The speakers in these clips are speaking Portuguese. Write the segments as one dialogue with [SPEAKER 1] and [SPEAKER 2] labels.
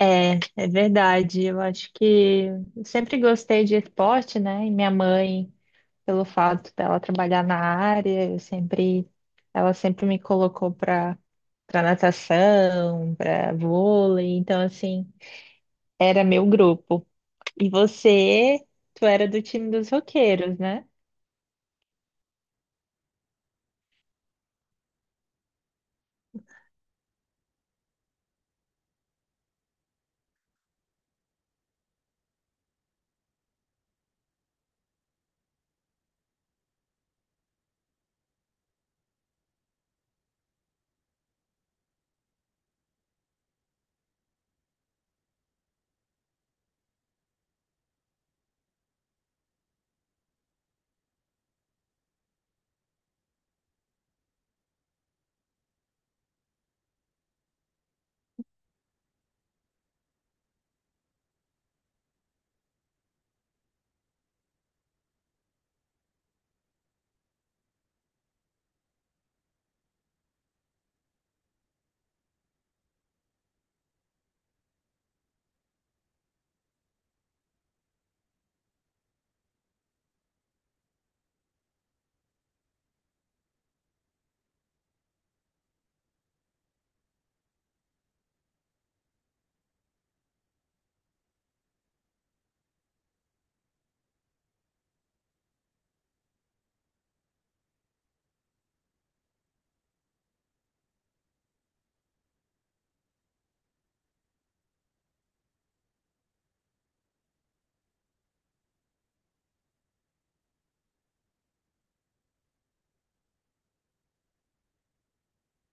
[SPEAKER 1] É, verdade. Eu acho que eu sempre gostei de esporte, né? E minha mãe, pelo fato dela trabalhar na área, ela sempre me colocou para natação, para vôlei. Então, assim, era meu grupo. E você, tu era do time dos roqueiros, né?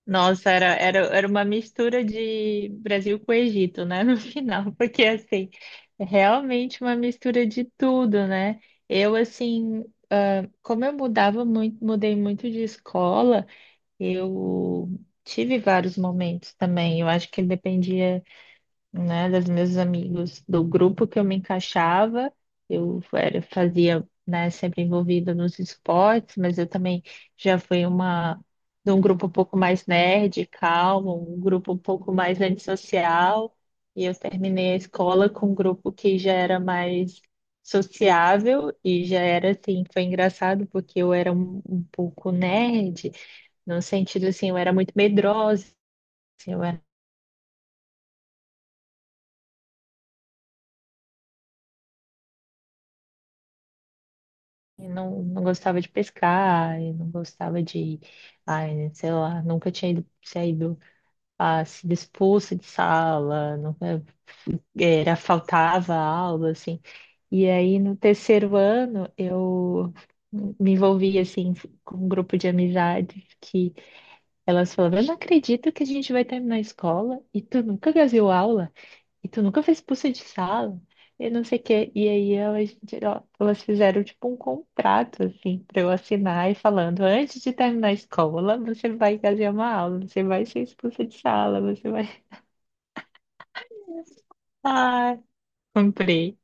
[SPEAKER 1] Nossa, era uma mistura de Brasil com Egito, né? No final, porque assim, é realmente uma mistura de tudo, né? Eu assim, como eu mudava muito, mudei muito de escola, eu tive vários momentos também. Eu acho que dependia, né, dos meus amigos, do grupo que eu me encaixava. Né, sempre envolvida nos esportes, mas eu também já fui uma de um grupo um pouco mais nerd, calmo, um grupo um pouco mais antissocial, e eu terminei a escola com um grupo que já era mais sociável e já era assim. Foi engraçado porque eu era um pouco nerd, no sentido assim, eu era muito medrosa, assim, eu era. E não gostava de pescar, e não gostava de, ai, sei lá, nunca tinha ido, saído, ah, sido expulsa de sala, nunca, faltava aula, assim. E aí, no terceiro ano, eu me envolvi, assim, com um grupo de amizades que elas falavam: eu não acredito que a gente vai terminar a escola e tu nunca deu aula. E tu nunca fez expulsa de sala? E não sei o quê. E aí elas, ó, elas fizeram tipo um contrato, assim, pra eu assinar e falando: antes de terminar a escola, você vai fazer uma aula, você vai ser expulsa de sala, você vai. Ah, comprei.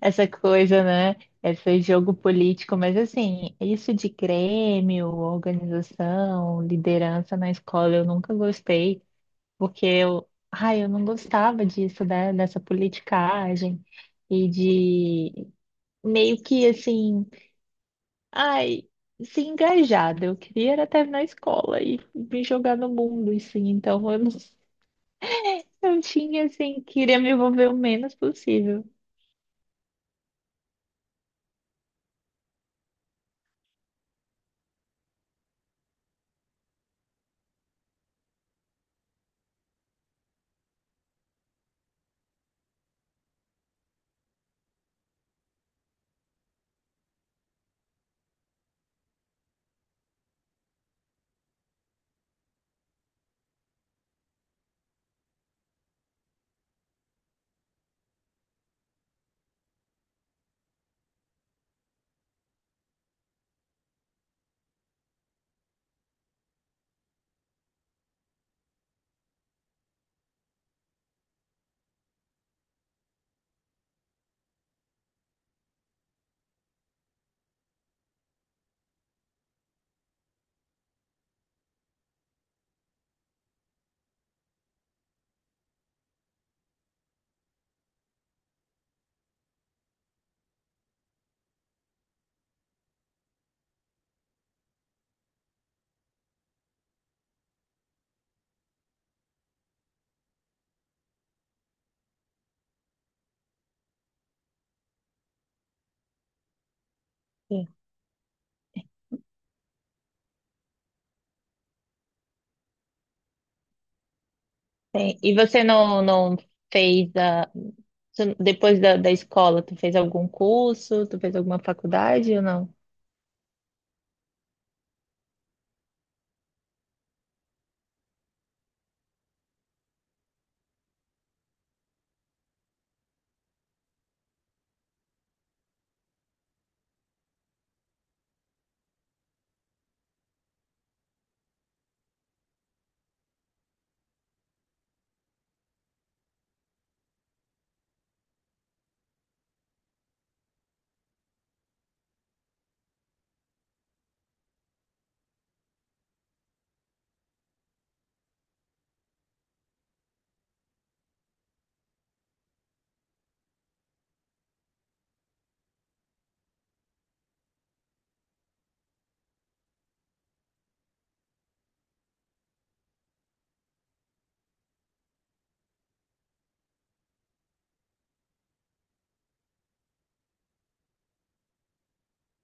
[SPEAKER 1] Essa coisa, né? Esse jogo político, mas assim, isso de Grêmio, organização, liderança na escola, eu nunca gostei. Porque eu, ai, eu não gostava disso, né? Dessa politicagem e de meio que assim, ai, se engajada. Eu queria era terminar a escola e me jogar no mundo, assim. Então eu não, eu tinha assim, queria me envolver o menos possível. Sim. Sim. E você não fez a, depois da, da escola, tu fez algum curso, tu fez alguma faculdade ou não?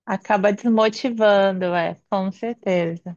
[SPEAKER 1] Acaba desmotivando, é, com certeza.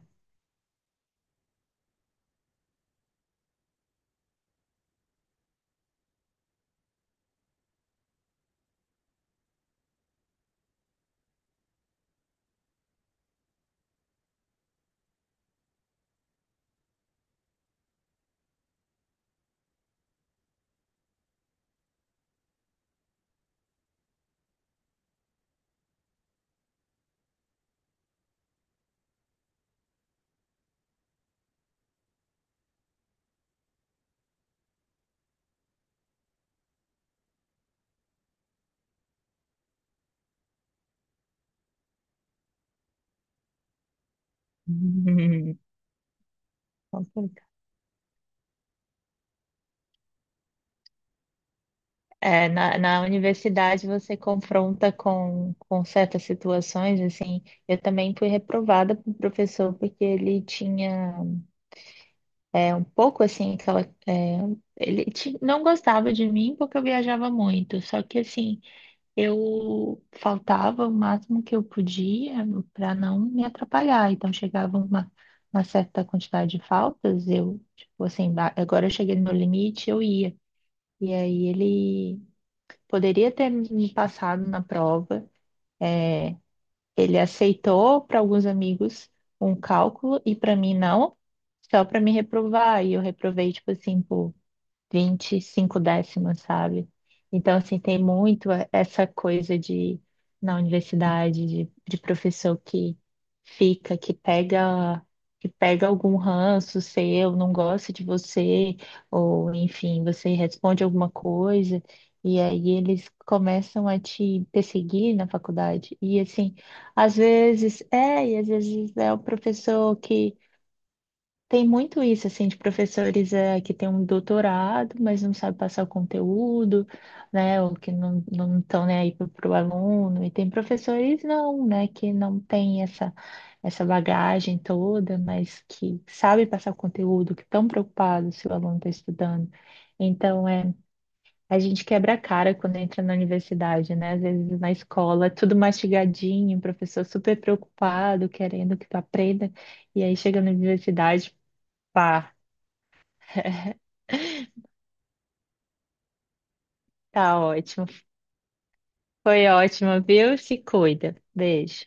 [SPEAKER 1] Hum, complicado. É, na, na universidade você confronta com certas situações, assim, eu também fui reprovada por professor porque ele tinha um pouco, assim, aquela, é, não gostava de mim porque eu viajava muito, só que, assim, eu faltava o máximo que eu podia para não me atrapalhar, então chegava uma certa quantidade de faltas, eu, tipo, assim, agora eu cheguei no meu limite, eu ia. E aí ele poderia ter me passado na prova. Ele aceitou para alguns amigos um cálculo e para mim não, só para me reprovar. E eu reprovei, tipo assim, por 25 décimos, sabe? Então, assim, tem muito essa coisa de, na universidade, de professor que fica, que pega algum ranço seu, não gosta de você, ou enfim, você responde alguma coisa, e aí eles começam a te perseguir na faculdade. E assim, e às vezes é o professor que tem muito isso, assim, de professores que têm um doutorado, mas não sabem passar o conteúdo, né, ou que não estão nem aí para o aluno. E tem professores não, né, que não têm essa, essa bagagem toda, mas que sabem passar o conteúdo, que estão preocupados se o aluno está estudando. Então, é, a gente quebra a cara quando entra na universidade, né? Às vezes na escola, tudo mastigadinho, o professor super preocupado, querendo que tu aprenda, e aí chega na universidade. Pá, tá ótimo. Foi ótimo, viu? Se cuida. Beijo.